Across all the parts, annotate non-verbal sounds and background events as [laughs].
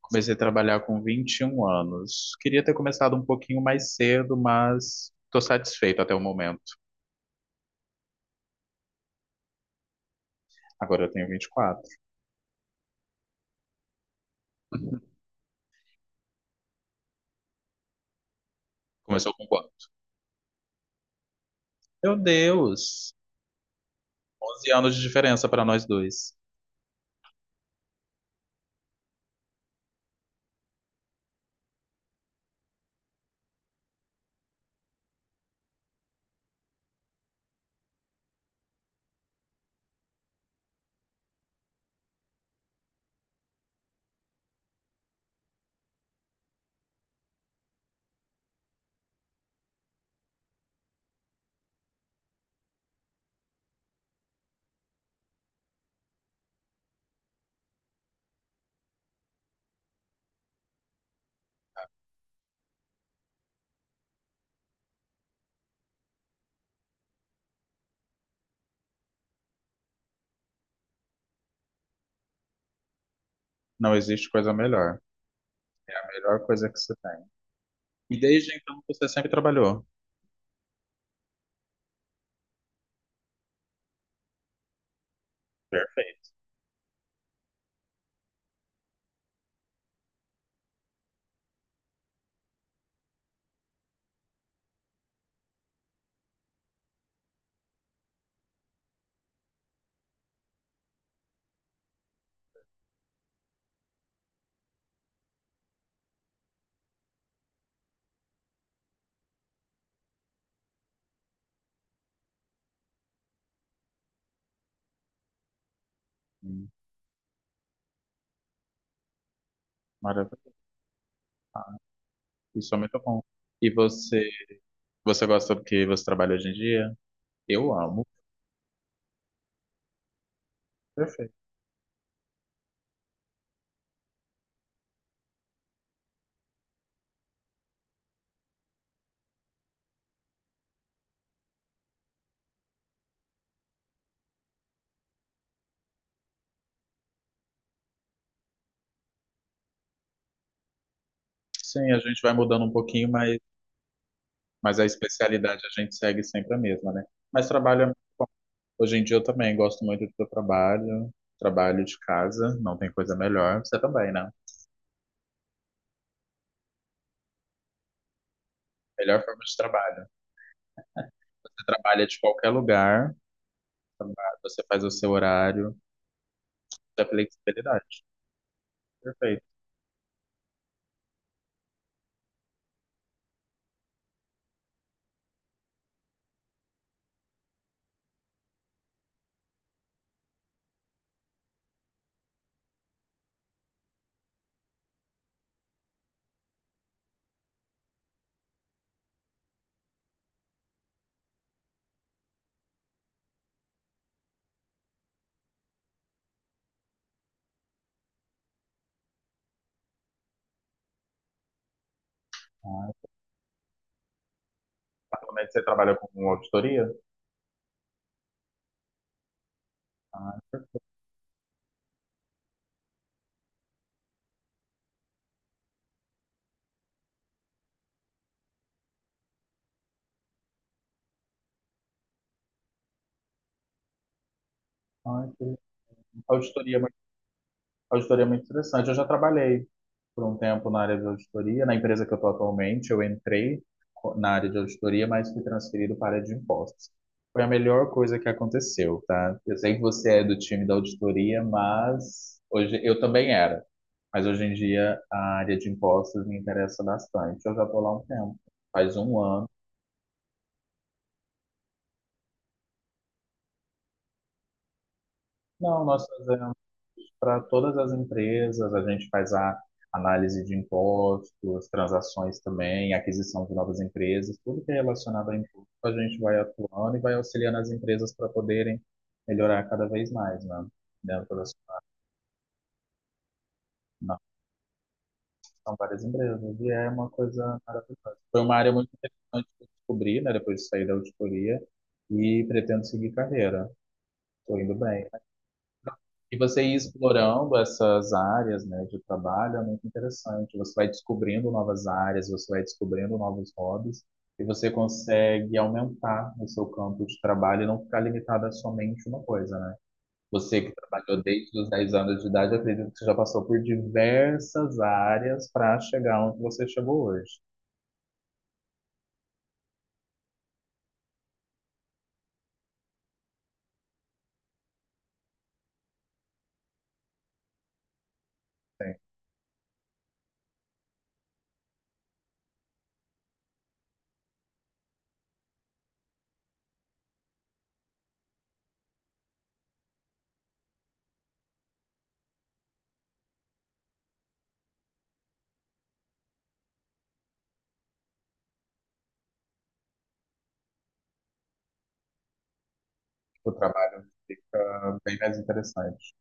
Comecei a trabalhar com 21 anos. Queria ter começado um pouquinho mais cedo, mas estou satisfeito até o momento. Agora eu tenho 24. [laughs] Começou com quanto? Meu Deus! 11 anos de diferença para nós dois. Não existe coisa melhor. A melhor coisa que você tem. E desde então você sempre trabalhou. Perfeito. Hum. Maravilhoso. Isso é muito bom. E você gosta do que você trabalha hoje em dia? Eu amo. Perfeito. Sim, a gente vai mudando um pouquinho, mas a especialidade a gente segue sempre a mesma, né? Mas trabalho, hoje em dia eu também gosto muito do que eu trabalho, trabalho de casa, não tem coisa melhor. Você também, né? Melhor forma de trabalho. Você trabalha de qualquer lugar, traba- você faz o seu horário, você tem flexibilidade. Perfeito. Ah, atualmente você trabalha com auditoria? Ah, per- ah, que- auditoria. Auditoria é muito interessante. Eu já trabalhei por um tempo na área de auditoria. Na empresa que eu estou atualmente, na área de auditoria, mas fui transferido para a área de impostos. Foi a melhor coisa que aconteceu, tá? Eu sei que você é do time da auditoria, mas hoje eu também era. Mas hoje em dia a área de impostos me interessa bastante. Eu já estou lá um tempo, faz 1 ano. Não, nós fazemos para todas as empresas, a gente faz a análise de impostos, transações também, aquisição de novas empresas, tudo que é relacionado a imposto, a gente vai atuando e vai auxiliando as empresas para poderem melhorar cada vez mais, né? Dentro das na- são várias empresas, e é uma coisa maravilhosa. Foi uma área muito interessante que eu descobri, né, depois de sair da auditoria, e pretendo seguir carreira. Estou indo bem. E você ir explorando essas áreas, né, de trabalho é muito interessante. Você vai descobrindo novas áreas, você vai descobrindo novos hobbies e você consegue aumentar o seu campo de trabalho e não ficar limitado a somente uma coisa, né? Você que trabalhou desde os 10 anos de idade, eu acredito que você já passou por diversas áreas para chegar onde você chegou hoje. Sim, o trabalho fica bem mais interessante.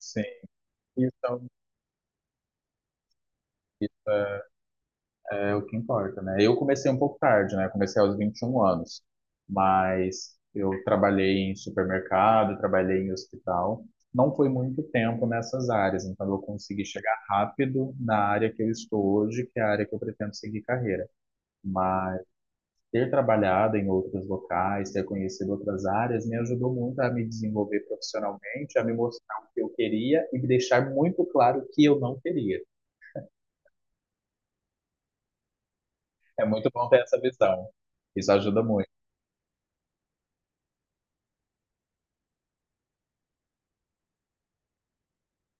Sim, então. É o que importa, né? Eu comecei um pouco tarde, né? Comecei aos 21 anos, mas eu trabalhei em supermercado, trabalhei em hospital. Não foi muito tempo nessas áreas, então eu consegui chegar rápido na área que eu estou hoje, que é a área que eu pretendo seguir carreira. Mas ter trabalhado em outros locais, ter conhecido outras áreas, me ajudou muito a me desenvolver profissionalmente, a me mostrar o que eu queria e me deixar muito claro o que eu não queria. É muito bom ter essa visão. Isso ajuda muito,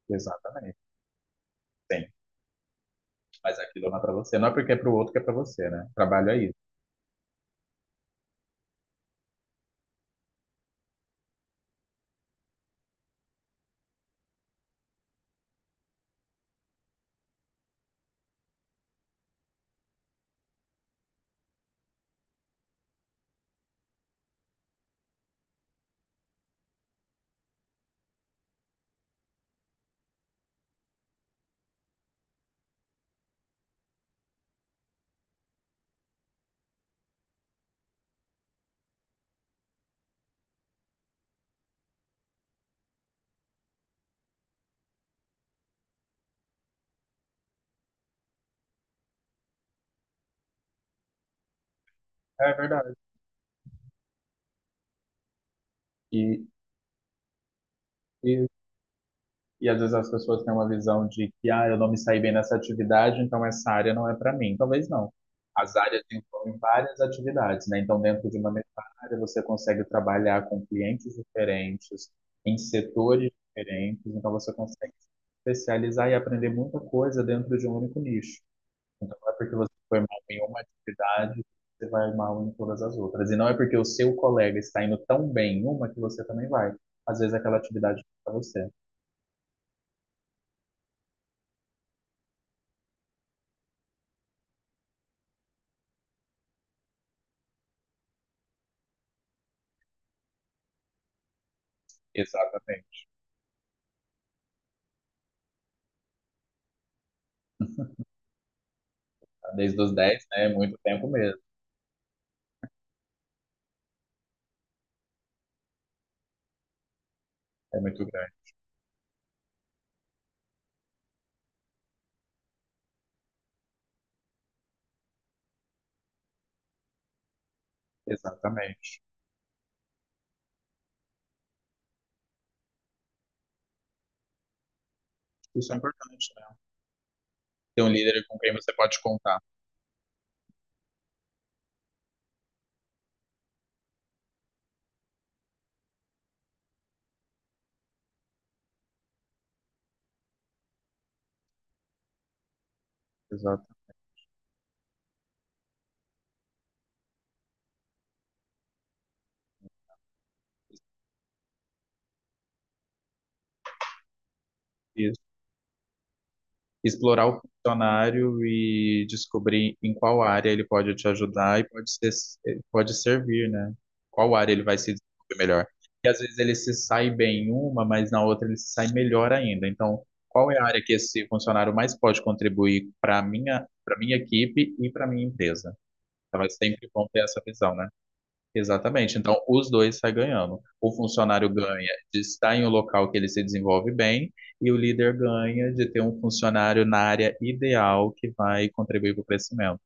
exatamente. Tem, mas aquilo não é para você. Não é porque é para o outro que é para você, né? Trabalho é isso. É verdade. E, e, e às vezes as pessoas têm uma visão de que, ah, eu não me saí bem nessa atividade, então essa área não é para mim. Talvez não. As áreas envolvem várias atividades, né? Então, dentro de uma mesma área, você consegue trabalhar com clientes diferentes, em setores diferentes, então você consegue se especializar e aprender muita coisa dentro de um único nicho. Então, não é porque você foi mal em uma atividade, você vai mal em todas as outras. E não é porque o seu colega está indo tão bem em uma que você também vai. Às vezes aquela atividade para você. Exatamente. Desde os dez, né? É muito tempo mesmo. É muito grande. Exatamente. Isso é importante, né? Ter um líder com quem você pode contar. Exato. Isso. Explorar o funcionário e descobrir em qual área ele pode te ajudar e pode ser, pode servir, né? Qual área ele vai se desenvolver melhor. E às vezes ele se sai bem em uma, mas na outra ele se sai melhor ainda. Então, qual é a área que esse funcionário mais pode contribuir para para minha equipe e para minha empresa? Então, é sempre bom ter essa visão, né? Exatamente. Então, os dois saem ganhando. O funcionário ganha de estar em um local que ele se desenvolve bem, e o líder ganha de ter um funcionário na área ideal que vai contribuir para o crescimento.